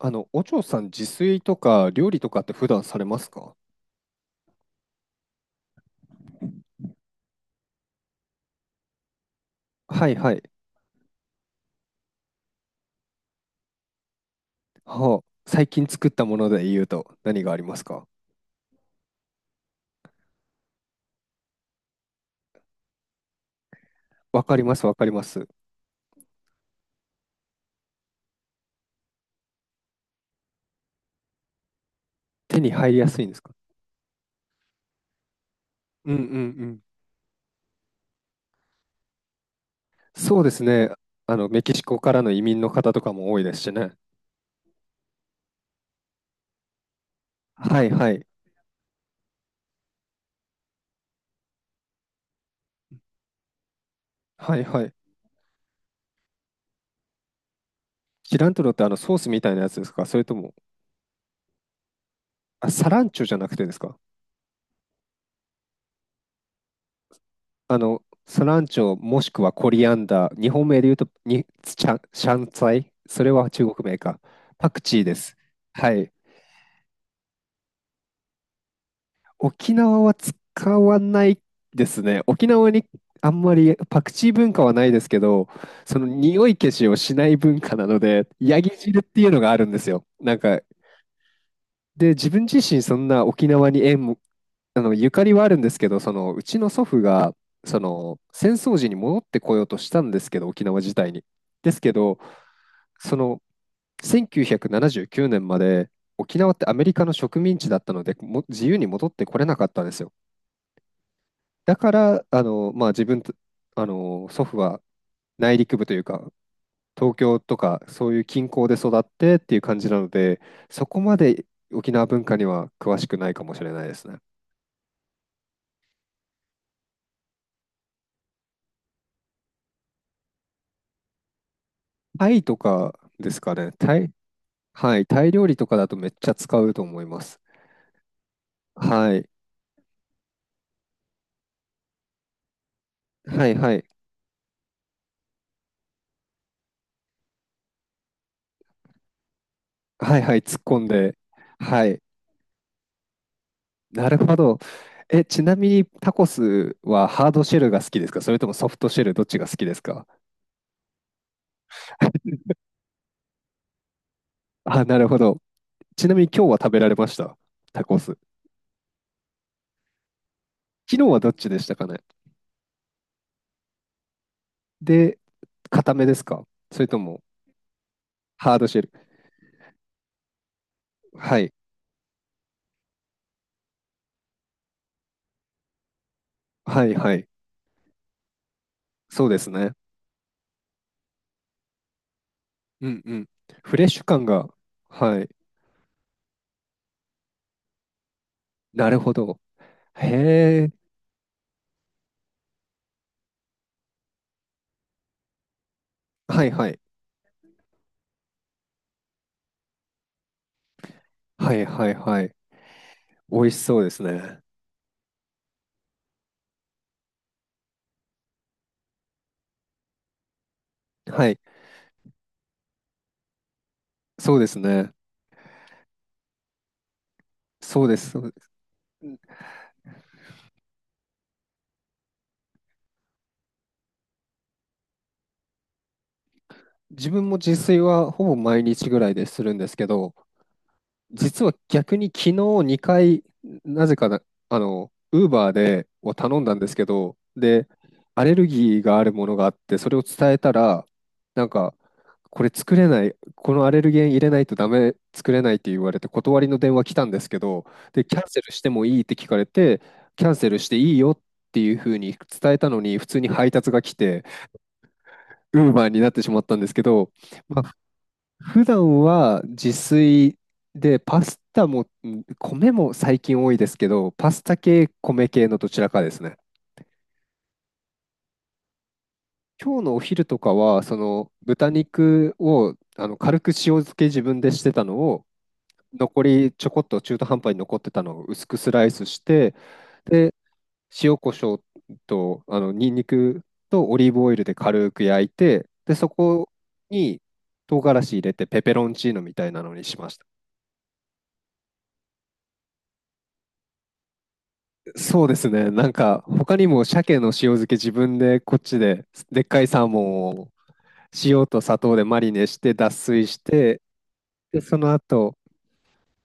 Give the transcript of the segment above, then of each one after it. お嬢さん、自炊とか料理とかって普段されますか？はいはい。はあ、最近作ったもので言うと何がありますか？わかります、わかります。手に入りやすいんですか？うんうんうん。そうですね。メキシコからの移民の方とかも多いですしね。はいはい。はいはい。シラントロってソースみたいなやつですか、それとも？あ、サランチョじゃなくてですか？スランチョもしくはコリアンダー、日本名で言うとにシャン、シャンツァイ、それは中国名か。パクチーです。はい。沖縄は使わないですね。沖縄にあんまりパクチー文化はないですけど、その匂い消しをしない文化なので、ヤギ汁っていうのがあるんですよ。で、自分自身そんな沖縄に縁もゆかりはあるんですけど、その、うちの祖父が、その、戦争時に戻ってこようとしたんですけど、沖縄自体に。ですけど、その、1979年まで、沖縄ってアメリカの植民地だったので、も自由に戻ってこれなかったんですよ。だから、まあ、自分と、祖父は内陸部というか、東京とか、そういう近郊で育ってっていう感じなので、そこまで沖縄文化には詳しくないかもしれないですね。タイとかですかね。タイ、はい。タイ料理とかだとめっちゃ使うと思います。はい。はいはい。はいはい。突っ込んで。はい。なるほど。え、ちなみにタコスはハードシェルが好きですか、それともソフトシェルどっちが好きですか？あ、なるほど。ちなみに今日は食べられました？タコス。昨日はどっちでしたかね？で、固めですか、それともハードシェル。はい。はいはい。そうですね。うんうん。フレッシュ感が。はい。なるほど。へえ。はいはい。はいはいはい。美味しそうですね。はい。そうですね。そうです。そうです。うん、自分も自炊はほぼ毎日ぐらいでするんですけど、実は逆に昨日2回、なぜかな、ウーバーでを頼んだんですけど、で、アレルギーがあるものがあって、それを伝えたら、なんか、これ作れない、このアレルゲン入れないとダメ、作れないって言われて断りの電話来たんですけど、で、キャンセルしてもいいって聞かれて、キャンセルしていいよっていうふうに伝えたのに、普通に配達が来て、ウーバーになってしまったんですけど、まあ、普段は自炊で、パスタも、ん米も最近多いですけど、パスタ系、米系のどちらかですね。今日のお昼とかは、その豚肉を軽く塩漬け自分でしてたのを、残りちょこっと中途半端に残ってたのを薄くスライスして、で、塩コショウと、ニンニクとオリーブオイルで軽く焼いて、で、そこに唐辛子入れてペペロンチーノみたいなのにしました。そうですね。なんか、他にも鮭の塩漬け自分でこっちで、でっかいサーモンを塩と砂糖でマリネして脱水して、で、その後、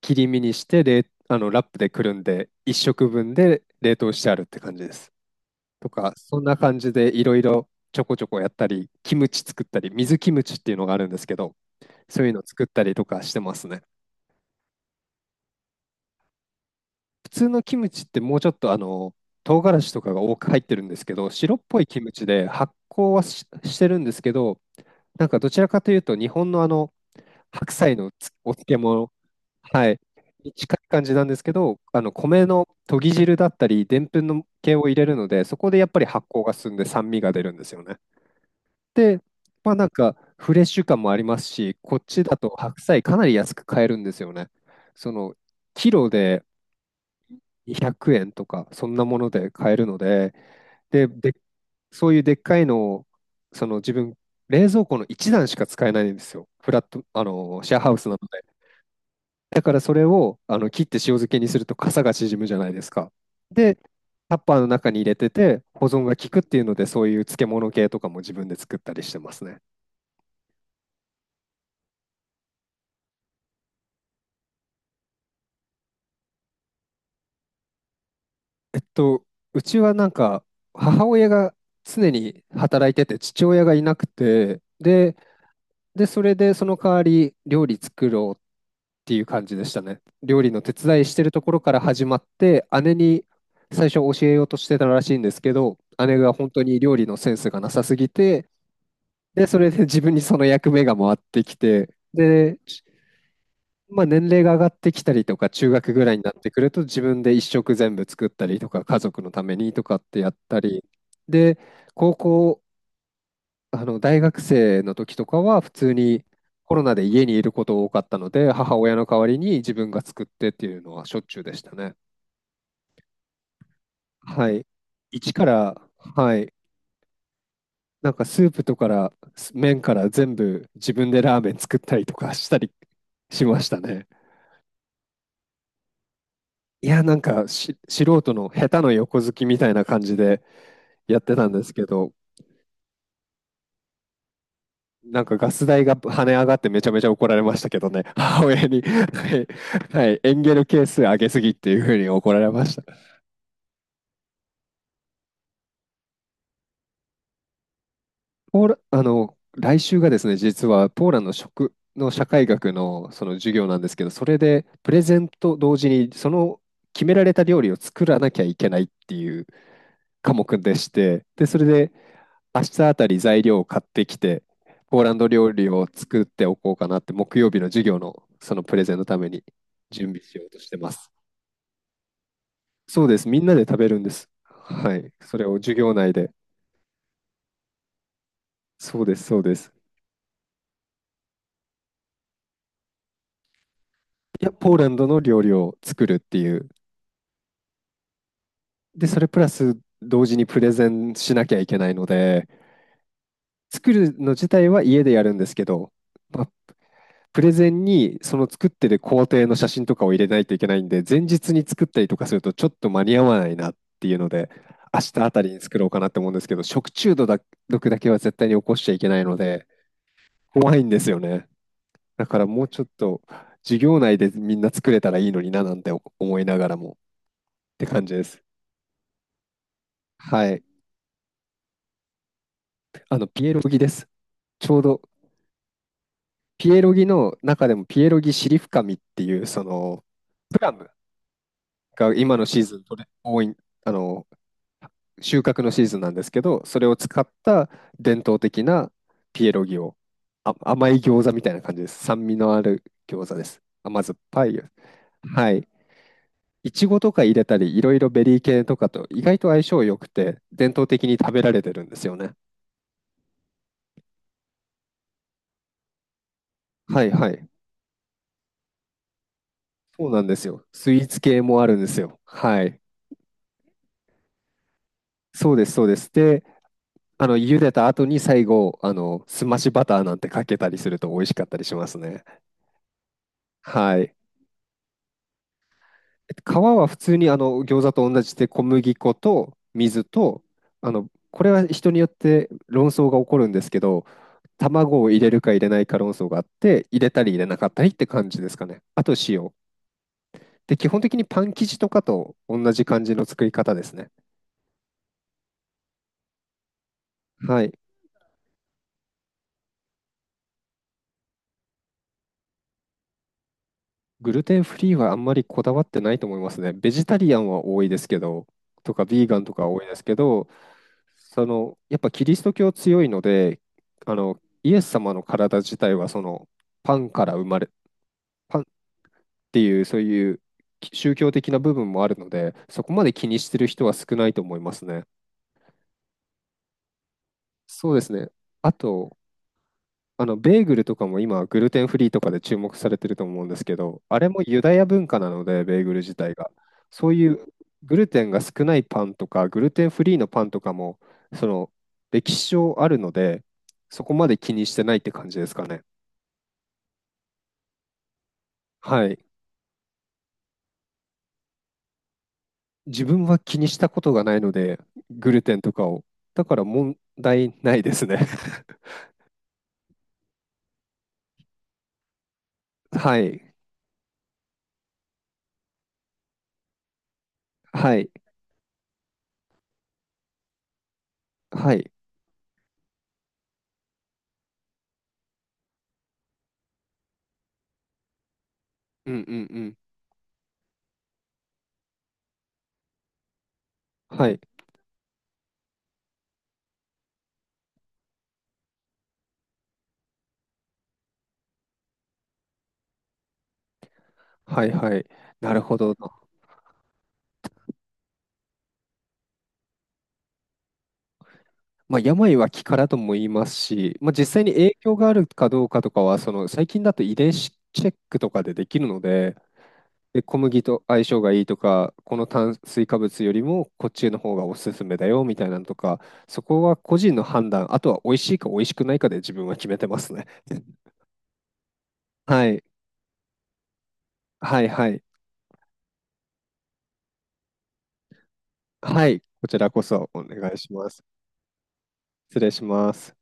切り身にして、ラップでくるんで、一食分で冷凍してあるって感じです。とか、そんな感じでいろいろちょこちょこやったり、キムチ作ったり、水キムチっていうのがあるんですけど、そういうの作ったりとかしてますね。普通のキムチってもうちょっと唐辛子とかが多く入ってるんですけど、白っぽいキムチで発酵はし、してるんですけど、なんかどちらかというと日本の白菜の漬物、はい、に近い感じなんですけど、あの米の研ぎ汁だったり、でんぷんの系を入れるので、そこでやっぱり発酵が進んで酸味が出るんですよね。で、まあなんかフレッシュ感もありますし、こっちだと白菜かなり安く買えるんですよね。そのキロで200円とか、そんなもので買えるので、で、そういうでっかいのを、その自分、冷蔵庫の一段しか使えないんですよ。フラット、シェアハウスなので。だからそれをあの切って塩漬けにすると傘が縮むじゃないですか。で、タッパーの中に入れてて、保存が効くっていうので、そういう漬物系とかも自分で作ったりしてますね。えっと、うちはなんか母親が常に働いてて父親がいなくてで、でそれでその代わり料理作ろうっていう感じでしたね。料理の手伝いしてるところから始まって姉に最初教えようとしてたらしいんですけど、姉が本当に料理のセンスがなさすぎて、でそれで自分にその役目が回ってきて、でまあ、年齢が上がってきたりとか、中学ぐらいになってくると、自分で一食全部作ったりとか、家族のためにとかってやったり、で、高校、大学生の時とかは、普通にコロナで家にいること多かったので、母親の代わりに自分が作ってっていうのはしょっちゅうでしたね。はい。一から、はい。スープとか麺から全部自分でラーメン作ったりとかしたりしましたね。いや、なんか素人の下手の横好きみたいな感じでやってたんですけど、なんかガス代が跳ね上がってめちゃめちゃ怒られましたけどね、母親に、はい、はい、エンゲル係数上げすぎっていうふうに怒られました。ポーラ、あの、来週がですね、実はポーランド食の社会学のその授業なんですけど、それでプレゼンと同時にその決められた料理を作らなきゃいけないっていう科目でして、で、それで明日あたり材料を買ってきて、ポーランド料理を作っておこうかなって、木曜日の授業のそのプレゼンのために準備しようとしてます。そうです。みんなで食べるんです。はい。それを授業内で。そうです、そうです。いや、ポーランドの料理を作るっていう。で、それプラス同時にプレゼンしなきゃいけないので、作るの自体は家でやるんですけど、まあプレゼンにその作ってる工程の写真とかを入れないといけないんで、前日に作ったりとかするとちょっと間に合わないなっていうので、明日あたりに作ろうかなって思うんですけど、食中毒だけは絶対に起こしちゃいけないので、怖いんですよね。だからもうちょっと授業内でみんな作れたらいいのにななんて思いながらもって感じです。はい。ピエロギです。ちょうどピエロギの中でもピエロギシリフカミっていう、その、プラムが今のシーズンとれ多い、あの、収穫のシーズンなんですけど、それを使った伝統的なピエロギを、あ、甘い餃子みたいな感じです。酸味のある餃子です。甘酸っぱい。はい。いちごとか入れたり、いろいろベリー系とかと意外と相性良くて、伝統的に食べられてるんですよね。はいはい。そうなんですよ。スイーツ系もあるんですよ。はい。そうです、そうです。で、茹でた後に最後、すましバターなんてかけたりすると美味しかったりしますね。はい。えっと皮は普通にあの餃子と同じで小麦粉と水と、あのこれは人によって論争が起こるんですけど、卵を入れるか入れないか論争があって入れたり入れなかったりって感じですかね。あと塩で、基本的にパン生地とかと同じ感じの作り方ですね。はい。グルテンフリーはあんまりこだわってないと思いますね。ベジタリアンは多いですけど、とかビーガンとかは多いですけど、その、やっぱキリスト教強いので、イエス様の体自体はその、パンから生まれ、パンっていう、そういう宗教的な部分もあるので、そこまで気にしてる人は少ないと思いますね。そうですね。あと、ベーグルとかも今、グルテンフリーとかで注目されてると思うんですけど、あれもユダヤ文化なので、ベーグル自体が。そういうグルテンが少ないパンとか、グルテンフリーのパンとかも、その、歴史上あるので、そこまで気にしてないって感じですかね。はい。自分は気にしたことがないので、グルテンとかを。だから問題ないですね。はい。はい。はい。うんうんうん。はい。はいはい。なるほど。まあ、病は気からとも言いますし、まあ、実際に影響があるかどうかとかは、その最近だと遺伝子チェックとかでできるので、で、小麦と相性がいいとか、この炭水化物よりもこっちの方がおすすめだよみたいなのとか、そこは個人の判断、あとは美味しいか美味しくないかで自分は決めてますね。はい、はい、はい、はい、こちらこそお願いします。失礼します。